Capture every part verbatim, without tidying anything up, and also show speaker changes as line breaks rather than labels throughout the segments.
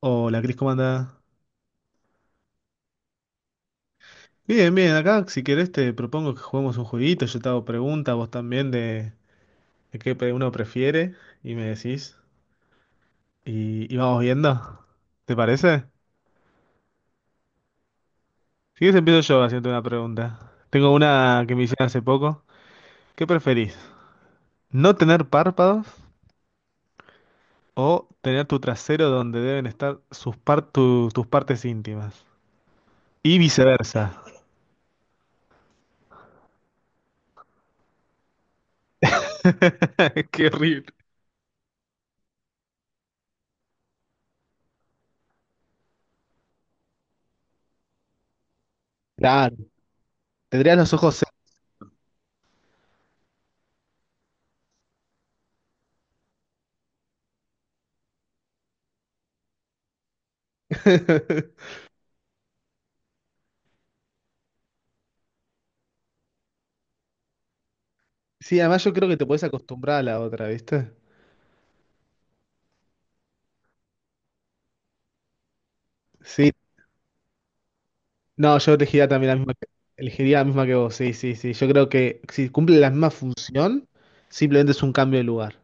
Hola, Cris, ¿cómo andás? Bien, bien, acá si querés te propongo que juguemos un jueguito, yo te hago preguntas, vos también de, de qué pe- uno prefiere y me decís y, y vamos viendo, ¿te parece? Si quieres empiezo yo haciendo una pregunta. Tengo una que me hicieron hace poco. ¿Qué preferís? ¿No tener párpados o tener tu trasero donde deben estar sus par- tu- tus partes íntimas? Y viceversa. Qué horrible. Claro, tendrías los ojos secos. Sí, además yo creo que te puedes acostumbrar a la otra, ¿viste? Sí. No, yo elegiría también la misma que, elegiría la misma que vos, sí, sí, sí. Yo creo que si cumple la misma función, simplemente es un cambio de lugar.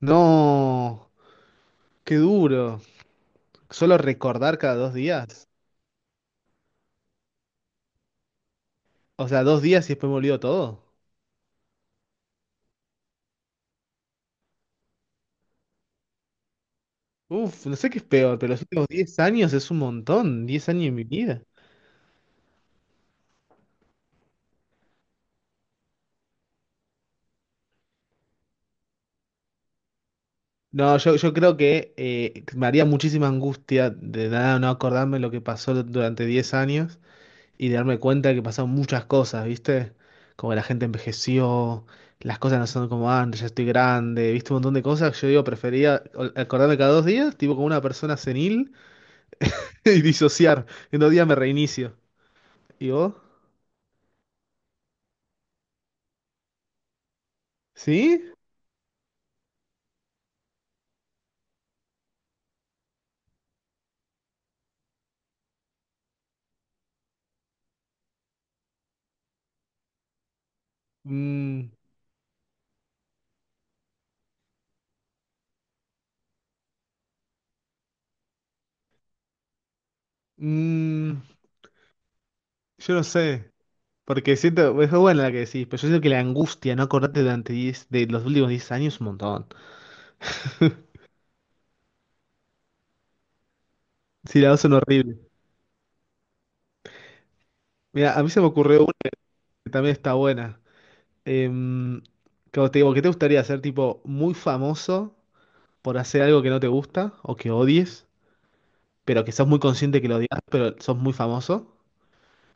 No, qué duro. Solo recordar cada dos días. O sea, dos días y después me olvido todo. Uf, no sé qué es peor, pero los últimos diez años es un montón. Diez años en mi vida. No, yo, yo creo que eh, me haría muchísima angustia de nada no acordarme lo que pasó durante diez años, y de darme cuenta que pasaron muchas cosas, ¿viste? Como que la gente envejeció, las cosas no son como antes, ya estoy grande, ¿viste? Un montón de cosas. Que Yo digo, prefería ol- acordarme cada dos días, tipo como una persona senil, y disociar. En dos días me reinicio. ¿Y vos? ¿Sí? Mm, mm, yo no sé. Porque siento, es buena la que decís, pero yo siento que la angustia, no acordarte durante diez de los últimos diez años, es un montón. Sí, las dos son horribles. Mira, a mí se me ocurrió una que también está buena. Em, como te digo, ¿qué te gustaría ser tipo muy famoso por hacer algo que no te gusta o que odies, pero que sos muy consciente que lo odias, pero sos muy famoso?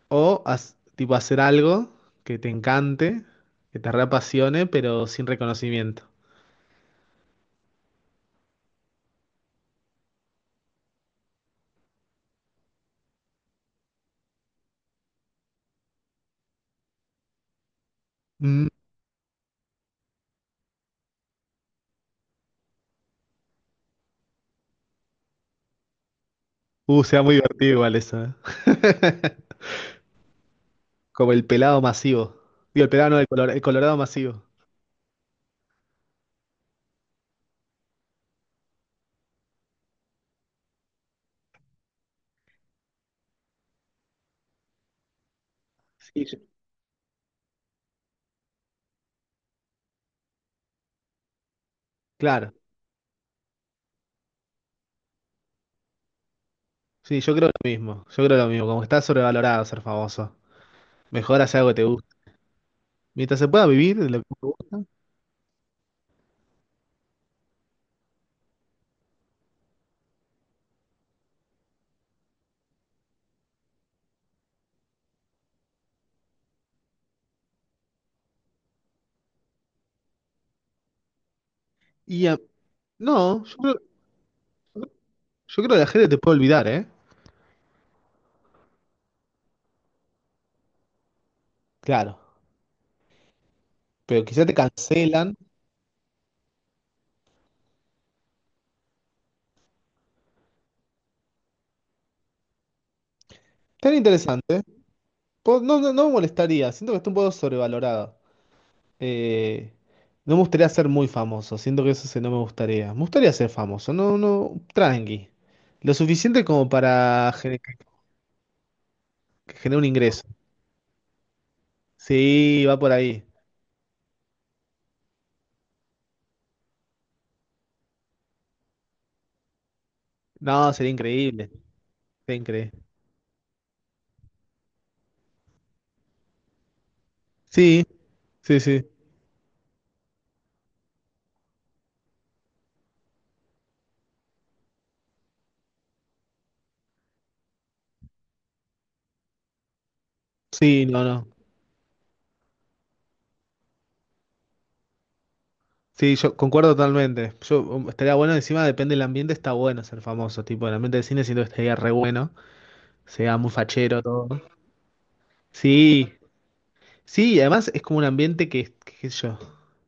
¿O has- tipo hacer algo que te encante, que te reapasione, pero sin reconocimiento? Mm. Uh, sea muy divertido igual eso, ¿eh? Como el pelado masivo. Digo, el pelado no, el, color- el colorado masivo. Sí, yo- Claro, sí, yo creo lo mismo. Yo creo lo mismo. Como que está sobrevalorado ser famoso. Mejor hacer algo que te gusta. Mientras se pueda vivir de lo que te gusta. Y a- no, yo creo, yo creo que la gente te puede olvidar, ¿eh? Claro. Pero quizá te cancelan. Tan interesante. Po- No, no, no me molestaría. Siento que está un poco sobrevalorado. Eh, no me gustaría ser muy famoso. Siento que eso se- no me gustaría. Me gustaría ser famoso. No, no. Tranqui. Lo suficiente como para gener- que genere un ingreso. Sí, va por ahí. No, sería increíble. Sería increíble. Sí, sí, sí. Sí, no, no. Sí, yo concuerdo totalmente. Yo um, estaría bueno, encima depende del ambiente, está bueno ser famoso, tipo, el ambiente de cine siento que estaría re bueno, sea muy fachero todo. Sí, sí, y además es como un ambiente que, que qué sé yo,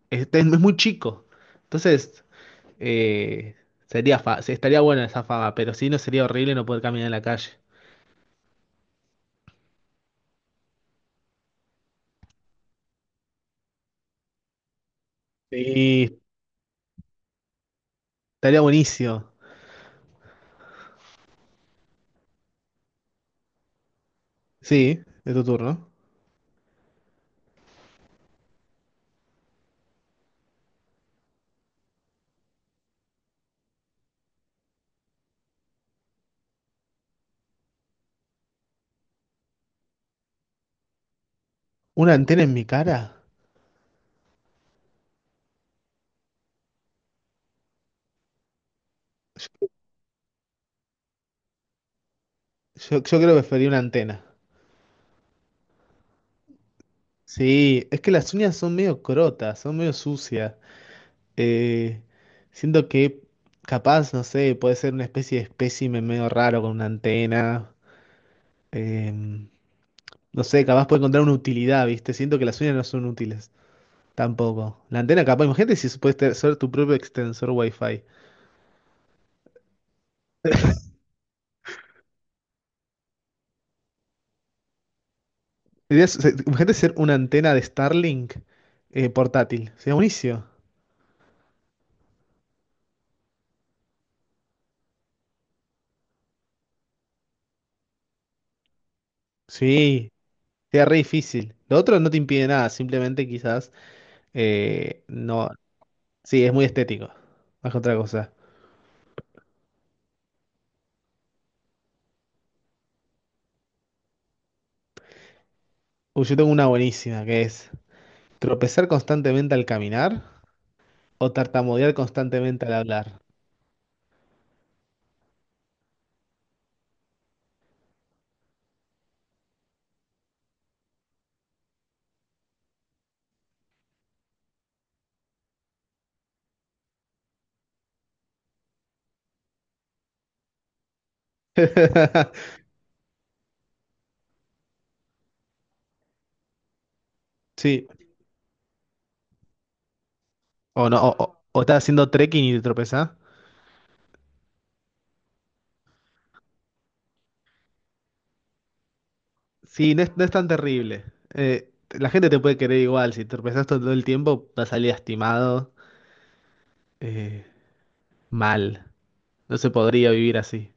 es, es muy chico. Entonces, eh, sería fa- sí, estaría buena esa fama, pero sí no sería horrible no poder caminar en la calle. Sí, estaría buenísimo. Sí, de tu turno. ¿Una antena en mi cara? Yo, yo, creo que preferiría una antena. Sí, es que las uñas son medio crotas, son medio sucias. Eh, siento que capaz, no sé, puede ser una especie de espécimen medio raro con una antena. Em, no sé, capaz puede encontrar una utilidad, ¿viste? Siento que las uñas no son útiles tampoco. La antena capaz, imagínate si puedes ter- ser tu propio extensor Wi-Fi. Serías- se- Imagínate ser una antena de Starlink eh, portátil. Sería buenísimo. Sí, sería re difícil. Lo otro no te impide nada, simplemente quizás... Eh, no, sí, es muy estético. Más que otra cosa. Uy, yo tengo una buenísima que es tropezar constantemente al caminar o tartamudear constantemente al hablar. Sí, o no, o, o- o estás haciendo trekking y te tropezás. Sí, no es, no es tan terrible. Eh, la gente te puede querer igual. Si tropezás todo el tiempo, vas a salir lastimado, eh, mal. No se podría vivir así.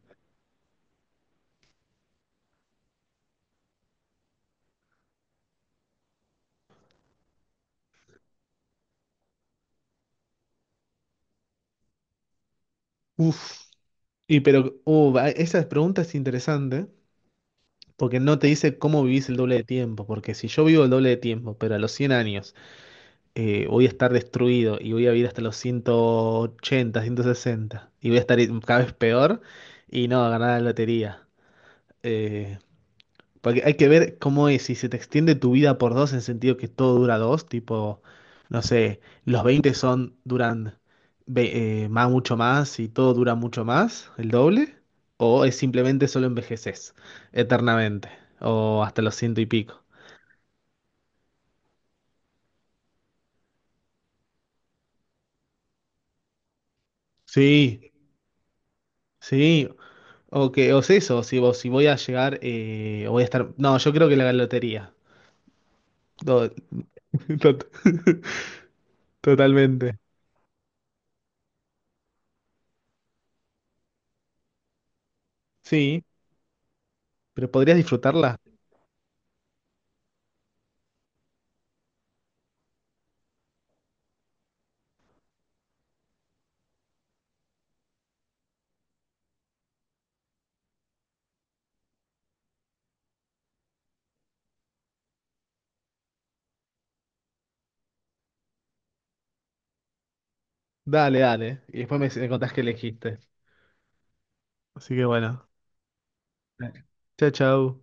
Uf, y pero, uh, va- esa pregunta es interesante. Porque no te dice cómo vivís el doble de tiempo, porque si yo vivo el doble de tiempo, pero a los cien años eh, voy a estar destruido y voy a vivir hasta los ciento ochenta, ciento sesenta y voy a estar cada vez peor y no, a ganar la lotería. Eh, porque hay que ver cómo es, si se te extiende tu vida por dos en sentido que todo dura dos, tipo, no sé, los veinte son, duran ve- eh, más, mucho más y todo dura mucho más, el doble, o es simplemente solo envejeces eternamente, o hasta los ciento y pico. Sí, sí, o que, o es eso, si, vos- si voy a llegar, eh, voy a estar, no, yo creo que la lotería, Do- tot- totalmente, sí, pero podrías disfrutarla. Dale, dale. Y después me, me contás qué elegiste. Así que bueno, Dale. Chau. Chao.